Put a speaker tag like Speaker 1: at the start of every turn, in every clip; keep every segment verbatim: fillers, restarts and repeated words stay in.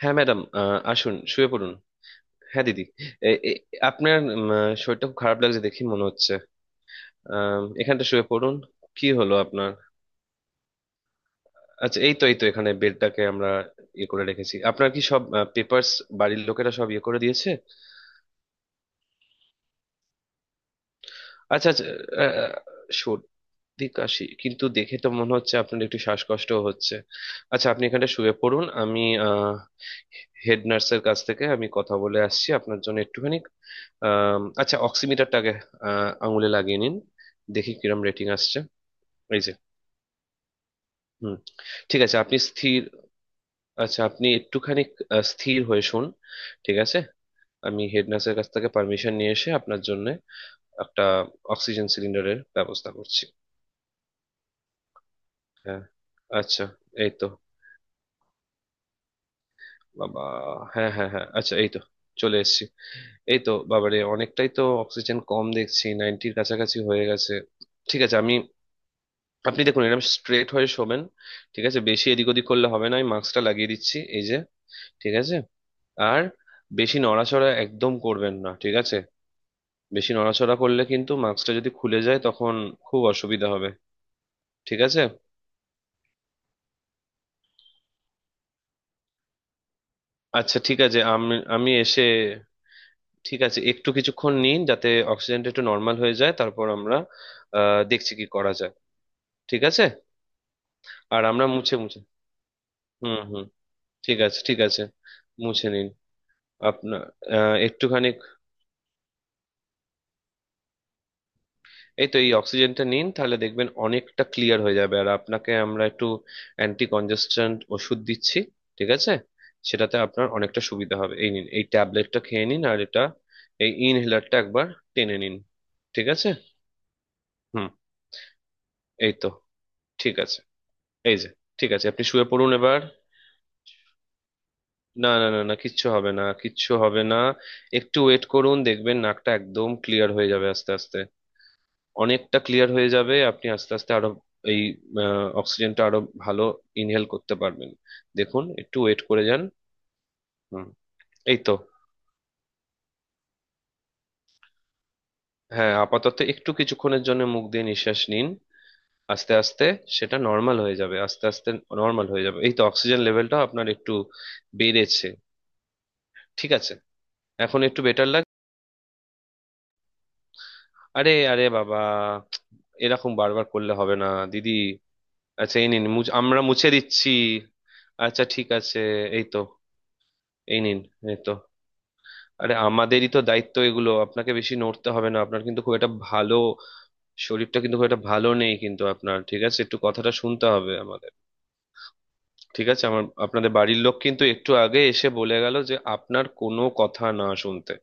Speaker 1: হ্যাঁ ম্যাডাম, আহ, আসুন শুয়ে পড়ুন। হ্যাঁ দিদি। এ- এ- আপনার উম, আহ, শরীরটা খুব খারাপ লাগছে, দেখি মনে হচ্ছে। আম, এখানটা শুয়ে পড়ুন। কি হলো আপনার? আচ্ছা, এই তো এই তো এখানে বেডটাকে আমরা ইয়ে করে রেখেছি, আপনার কি সব পেপারস বাড়ির লোকেরা সব ইয়ে করে দিয়েছে। আচ্ছা আচ্ছা, দিক আসি, কিন্তু দেখে তো মনে হচ্ছে আপনার একটু শ্বাসকষ্ট হচ্ছে। আচ্ছা, আপনি এখানে শুয়ে পড়ুন। আমি আহ হেড নার্সের কাছ থেকে আমি কথা বলে আসছি আপনার জন্য। একটুখানি আম, আচ্ছা অক্সিমিটারটাকে আহ, আঙুলে লাগিয়ে নিন। দেখি কিরম রেটিং আসছে। এই যে। হুম। ঠিক আছে, আপনি স্থির। আচ্ছা আপনি একটুখানি আহ, স্থির হয়ে শুন। ঠিক আছে, আমি হেড নার্সের কাছ থেকে পারমিশন নিয়ে এসে আপনার জন্য একটা অক্সিজেন সিলিন্ডারের ব্যবস্থা করছি। হ্যাঁ, আচ্ছা, এই তো, বাবা, হ্যাঁ হ্যাঁ হ্যাঁ, আচ্ছা এই তো চলে এসেছি। এই তো বাবারে, অনেকটাই তো অক্সিজেন কম দেখছি, নাইনটির কাছাকাছি হয়ে গেছে। ঠিক আছে, আমি, আপনি দেখুন, এরকম স্ট্রেট হয়ে শোবেন। ঠিক আছে, বেশি এদিক ওদিক করলে হবে না, আমি মাস্কটা লাগিয়ে দিচ্ছি, এই যে। ঠিক আছে। আর বেশি নড়াচড়া একদম করবেন না, ঠিক আছে? বেশি নড়াচড়া করলে কিন্তু মাস্কটা যদি খুলে যায়, তখন খুব অসুবিধা হবে। ঠিক আছে। আচ্ছা ঠিক আছে, আমি আমি এসে ঠিক আছে, একটু কিছুক্ষণ নিন যাতে অক্সিজেনটা একটু নর্মাল হয়ে যায়, তারপর আমরা আহ দেখছি কি করা যায়। ঠিক আছে। আর আমরা মুছে মুছে, হুম হুম, ঠিক আছে ঠিক আছে, মুছে নিন আপনার আহ, একটুখানি। এই তো, এই অক্সিজেনটা নিন, তাহলে দেখবেন অনেকটা ক্লিয়ার হয়ে যাবে। আর আপনাকে আমরা একটু অ্যান্টি কনজেস্ট্যান্ট ওষুধ দিচ্ছি, ঠিক আছে? সেটাতে আপনার অনেকটা সুবিধা হবে। এই নিন, এই ট্যাবলেটটা খেয়ে নিন, আর এটা, এই ইনহেলারটা একবার টেনে নিন, ঠিক আছে? হুম, এই তো, ঠিক আছে, এই যে। ঠিক আছে, আপনি শুয়ে পড়ুন এবার। না না না না, কিচ্ছু হবে না, কিচ্ছু হবে না, একটু ওয়েট করুন, দেখবেন নাকটা একদম ক্লিয়ার হয়ে যাবে। আস্তে আস্তে অনেকটা ক্লিয়ার হয়ে যাবে। আপনি আস্তে আস্তে আরো এই অক্সিজেনটা আরো ভালো ইনহেল করতে পারবেন। দেখুন, একটু ওয়েট করে যান। হুম। এই তো, হ্যাঁ আপাতত একটু কিছুক্ষণের জন্য মুখ দিয়ে নিঃশ্বাস নিন, আস্তে আস্তে সেটা নর্মাল হয়ে যাবে। আস্তে আস্তে নর্মাল হয়ে যাবে। এই তো, অক্সিজেন লেভেলটা আপনার একটু বেড়েছে। ঠিক আছে, এখন একটু বেটার লাগছে। আরে আরে বাবা, এরকম বারবার করলে হবে না দিদি। আচ্ছা, এই নিন, মুছ- আমরা মুছে দিচ্ছি। আচ্ছা, ঠিক আছে, এই তো, এই নিন, এই তো। আরে, আমাদেরই তো দায়িত্ব এগুলো, আপনাকে বেশি নড়তে হবে না। আপনার কিন্তু খুব একটা ভালো শরীরটা কিন্তু খুব একটা ভালো নেই কিন্তু আপনার, ঠিক আছে? একটু কথাটা শুনতে হবে আমাদের। ঠিক আছে, আমার, আপনাদের বাড়ির লোক কিন্তু একটু আগে এসে বলে গেল যে আপনার কোনো কথা না শুনতে,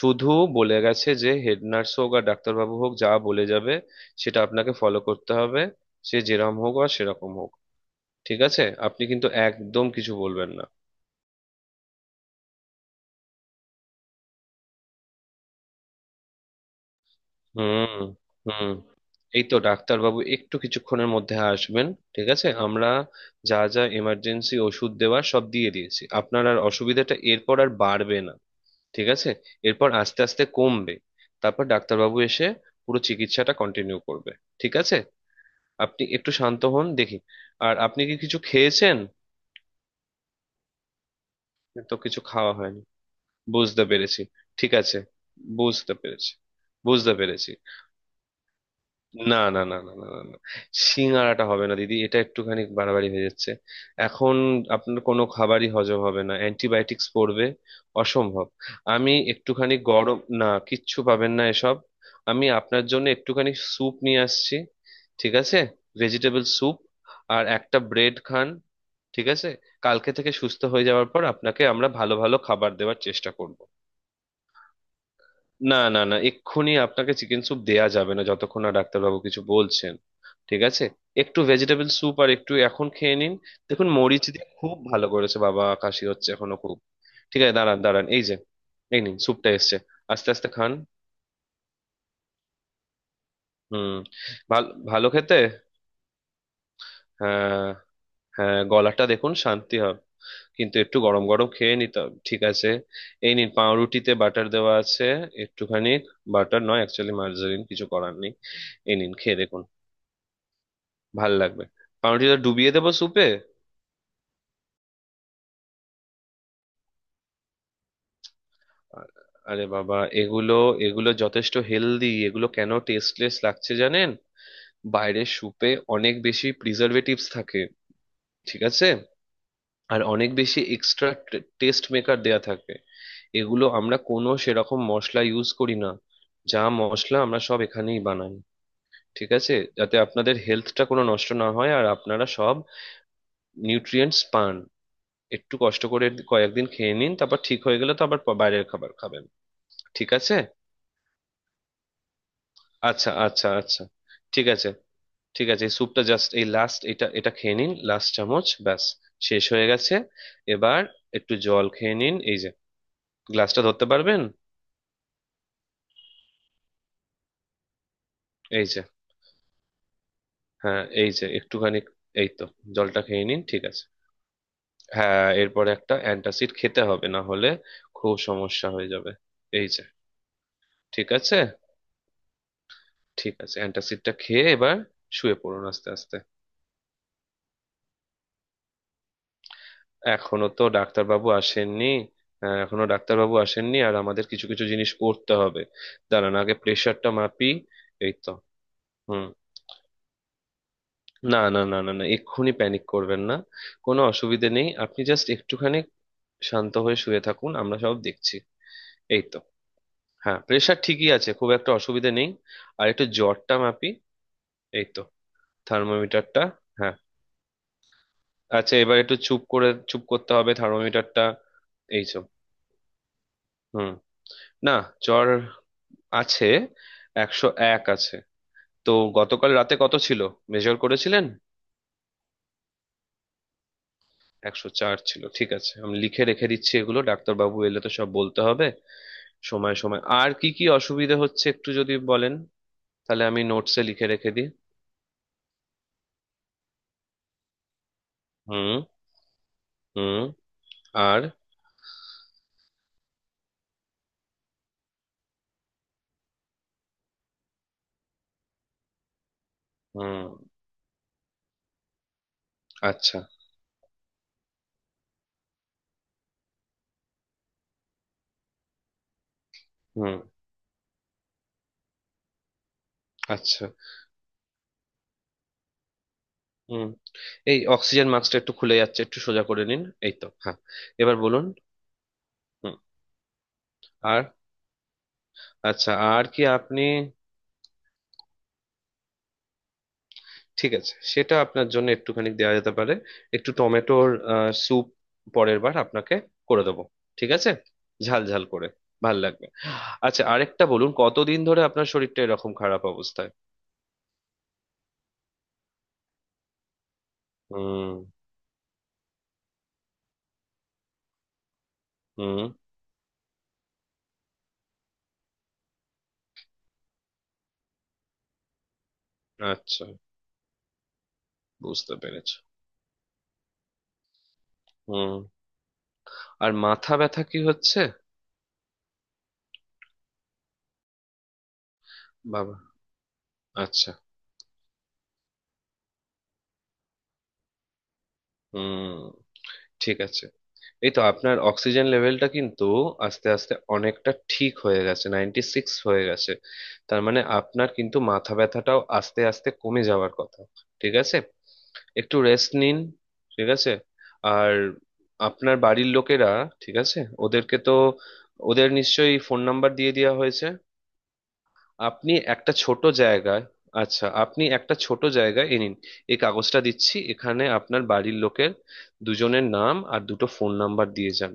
Speaker 1: শুধু বলে গেছে যে হেড নার্স হোক আর ডাক্তারবাবু হোক যা বলে যাবে, সেটা আপনাকে ফলো করতে হবে। সে যেরকম হোক আর সেরকম হোক, ঠিক আছে? আপনি কিন্তু একদম কিছু বলবেন না। হুম হুম। এই তো, ডাক্তারবাবু একটু কিছুক্ষণের মধ্যে আসবেন, ঠিক আছে? আমরা যা যা এমার্জেন্সি ওষুধ দেওয়ার সব দিয়ে দিয়েছি, আপনার আর অসুবিধাটা এরপর আর বাড়বে না। ঠিক আছে? এরপর আস্তে আস্তে কমবে, তারপর ডাক্তারবাবু এসে পুরো চিকিৎসাটা কন্টিনিউ করবে। ঠিক আছে? আপনি একটু শান্ত হন দেখি। আর আপনি কি কিছু খেয়েছেন? তো কিছু খাওয়া হয়নি। বুঝতে পেরেছি। ঠিক আছে, বুঝতে পেরেছি, বুঝতে পেরেছি। না না না না না না না, সিঙাড়াটা হবে না দিদি, এটা একটুখানি বাড়াবাড়ি হয়ে যাচ্ছে এখন। আপনার কোনো খাবারই হজম হবে না, অ্যান্টিবায়োটিক্স পড়বে, অসম্ভব। আমি একটুখানি গরম, না কিচ্ছু পাবেন না এসব, আমি আপনার জন্য একটুখানি স্যুপ নিয়ে আসছি, ঠিক আছে? ভেজিটেবল স্যুপ আর একটা ব্রেড খান, ঠিক আছে? কালকে থেকে সুস্থ হয়ে যাওয়ার পর আপনাকে আমরা ভালো ভালো খাবার দেওয়ার চেষ্টা করব। না না না, এক্ষুনি আপনাকে চিকেন স্যুপ দেয়া যাবে না, যতক্ষণ না ডাক্তারবাবু কিছু বলছেন, ঠিক আছে? একটু ভেজিটেবল স্যুপ আর একটু এখন খেয়ে নিন। দেখুন মরিচ দিয়ে খুব ভালো করেছে, বাবা কাশি হচ্ছে এখনো খুব। ঠিক আছে, দাঁড়ান দাঁড়ান, এই যে, এই নিন, স্যুপটা এসছে। আস্তে আস্তে খান। হুম, ভালো ভালো খেতে। হ্যাঁ হ্যাঁ, গলাটা দেখুন শান্তি হবে। কিন্তু একটু গরম গরম খেয়ে নিতে হবে, ঠিক আছে? এই নিন, পাউরুটিতে বাটার দেওয়া আছে, একটুখানি। বাটার নয়, অ্যাকচুয়ালি মার্জারিন, কিছু করার নেই। এই নিন, খেয়ে দেখুন, ভাল লাগবে। পাউরুটিটা ডুবিয়ে দেবো স্যুপে। আরে বাবা, এগুলো, এগুলো যথেষ্ট হেলদি। এগুলো কেন টেস্টলেস লাগছে জানেন? বাইরের স্যুপে অনেক বেশি প্রিজারভেটিভস থাকে, ঠিক আছে? আর অনেক বেশি এক্সট্রা টেস্ট মেকার দেয়া থাকে। এগুলো আমরা কোনো সেরকম মশলা ইউজ করি না, যা মশলা আমরা সব এখানেই বানাই, ঠিক আছে? যাতে আপনাদের হেলথটা কোনো নষ্ট না হয় আর আপনারা সব নিউট্রিয়েন্টস পান। একটু কষ্ট করে কয়েকদিন খেয়ে নিন, তারপর ঠিক হয়ে গেলে তো আবার প- বাইরের খাবার খাবেন, ঠিক আছে? আচ্ছা আচ্ছা আচ্ছা, ঠিক আছে ঠিক আছে, এই স্যুপটা জাস্ট এই লাস্ট, এটা এটা খেয়ে নিন, লাস্ট চামচ, ব্যাস শেষ হয়ে গেছে। এবার একটু জল খেয়ে নিন, এই যে, গ্লাসটা ধরতে পারবেন? এই যে, হ্যাঁ এই যে একটুখানি, এই তো। জলটা খেয়ে নিন, ঠিক আছে? হ্যাঁ এরপরে একটা অ্যান্টাসিড খেতে হবে, না হলে খুব সমস্যা হয়ে যাবে। এই যে, ঠিক আছে। ঠিক আছে, অ্যান্টাসিডটা খেয়ে এবার শুয়ে পড়ুন আস্তে আস্তে। এখনো তো ডাক্তারবাবু আসেননি। আহ, এখনো ডাক্তারবাবু আসেননি, আর আমাদের কিছু কিছু জিনিস করতে হবে। দাঁড়ান, আগে প্রেশারটা মাপি। এই তো। হুম। না না না না না, এক্ষুনি প্যানিক করবেন না, কোনো অসুবিধে নেই। আপনি জাস্ট একটুখানি শান্ত হয়ে শুয়ে থাকুন, আমরা সব দেখছি। এই তো, হ্যাঁ প্রেশার ঠিকই আছে, খুব একটা অসুবিধে নেই। আর একটু জ্বরটা মাপি, এই তো, থার্মোমিটারটা। হ্যাঁ, আচ্ছা এবার একটু চুপ করে, চুপ করতে হবে, থার্মোমিটারটা এই সব। হুম। না, জ্বর আছে, একশো এক আছে তো। গতকাল রাতে কত ছিল, মেজার করেছিলেন? একশো চার ছিল, ঠিক আছে, আমি লিখে রেখে দিচ্ছি এগুলো, ডাক্তারবাবু এলে তো সব বলতে হবে। সময় সময় আর কি কি অসুবিধা হচ্ছে একটু যদি বলেন, তাহলে আমি নোটসে লিখে রেখে দিই। হুম হুম। আর হুম। আচ্ছা। হুম। আচ্ছা। হুম, এই অক্সিজেন মাস্কটা একটু খুলে যাচ্ছে, একটু সোজা করে নিন। এই তো, হ্যাঁ। এবার বলুন। হুম। আর, আচ্ছা, আর কি আপনি? ঠিক আছে, সেটা আপনার জন্য একটুখানি দেওয়া যেতে পারে। একটু টমেটোর স্যুপ পরের বার আপনাকে করে দেবো, ঠিক আছে? ঝাল ঝাল করে ভাল লাগবে। আচ্ছা আরেকটা বলুন, কতদিন ধরে আপনার শরীরটা এরকম খারাপ অবস্থায়? হুম হুম। আচ্ছা। বুঝতে পেরেছি। হুম। আর মাথা ব্যথা কি হচ্ছে? বাবা, আচ্ছা। হুম, ঠিক আছে। এই তো আপনার অক্সিজেন লেভেলটা কিন্তু আস্তে আস্তে অনেকটা ঠিক হয়ে গেছে, নাইনটি সিক্স হয়ে গেছে। তার মানে আপনার কিন্তু মাথা ব্যথাটাও আস্তে আস্তে কমে যাওয়ার কথা। ঠিক আছে, একটু রেস্ট নিন। ঠিক আছে। আর আপনার বাড়ির লোকেরা, ঠিক আছে, ওদেরকে তো, ওদের নিশ্চয়ই ফোন নাম্বার দিয়ে দেওয়া হয়েছে। আপনি একটা ছোট জায়গায়, আচ্ছা আপনি একটা ছোট জায়গায় এ নিন, এই কাগজটা দিচ্ছি, এখানে আপনার বাড়ির লোকের দুজনের নাম আর দুটো ফোন নাম্বার দিয়ে যান,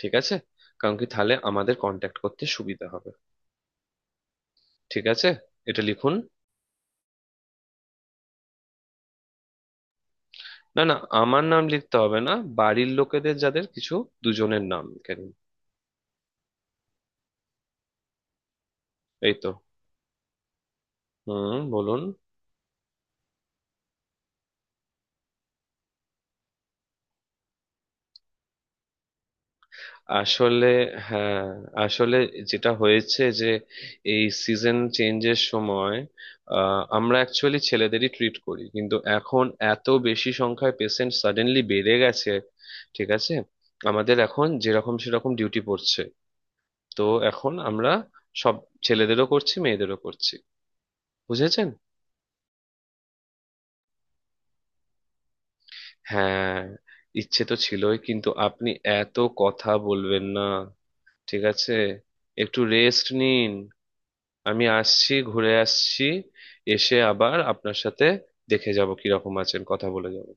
Speaker 1: ঠিক আছে? কারণ কি, তাহলে আমাদের কন্ট্যাক্ট করতে সুবিধা হবে। ঠিক আছে? এটা লিখুন। না না, আমার নাম লিখতে হবে না, বাড়ির লোকেদের, যাদের কিছু, দুজনের নাম লিখে নিন। এই তো, হুম বলুন। আসলে, হ্যাঁ, আসলে যেটা হয়েছে যে এই সিজন চেঞ্জের সময় আহ, আমরা অ্যাকচুয়ালি ছেলেদেরই ট্রিট করি, কিন্তু এখন এত বেশি সংখ্যায় পেশেন্ট সাডেনলি বেড়ে গেছে, ঠিক আছে? আমাদের এখন যেরকম সেরকম ডিউটি পড়ছে, তো এখন আমরা সব ছেলেদেরও করছি, মেয়েদেরও করছি, বুঝেছেন? হ্যাঁ, ইচ্ছে তো ছিলই, কিন্তু আপনি এত কথা বলবেন না, ঠিক আছে? একটু রেস্ট নিন। আমি আসছি, ঘুরে আসছি, এসে আবার আপনার সাথে দেখে যাব কিরকম আছেন, কথা বলে যাব।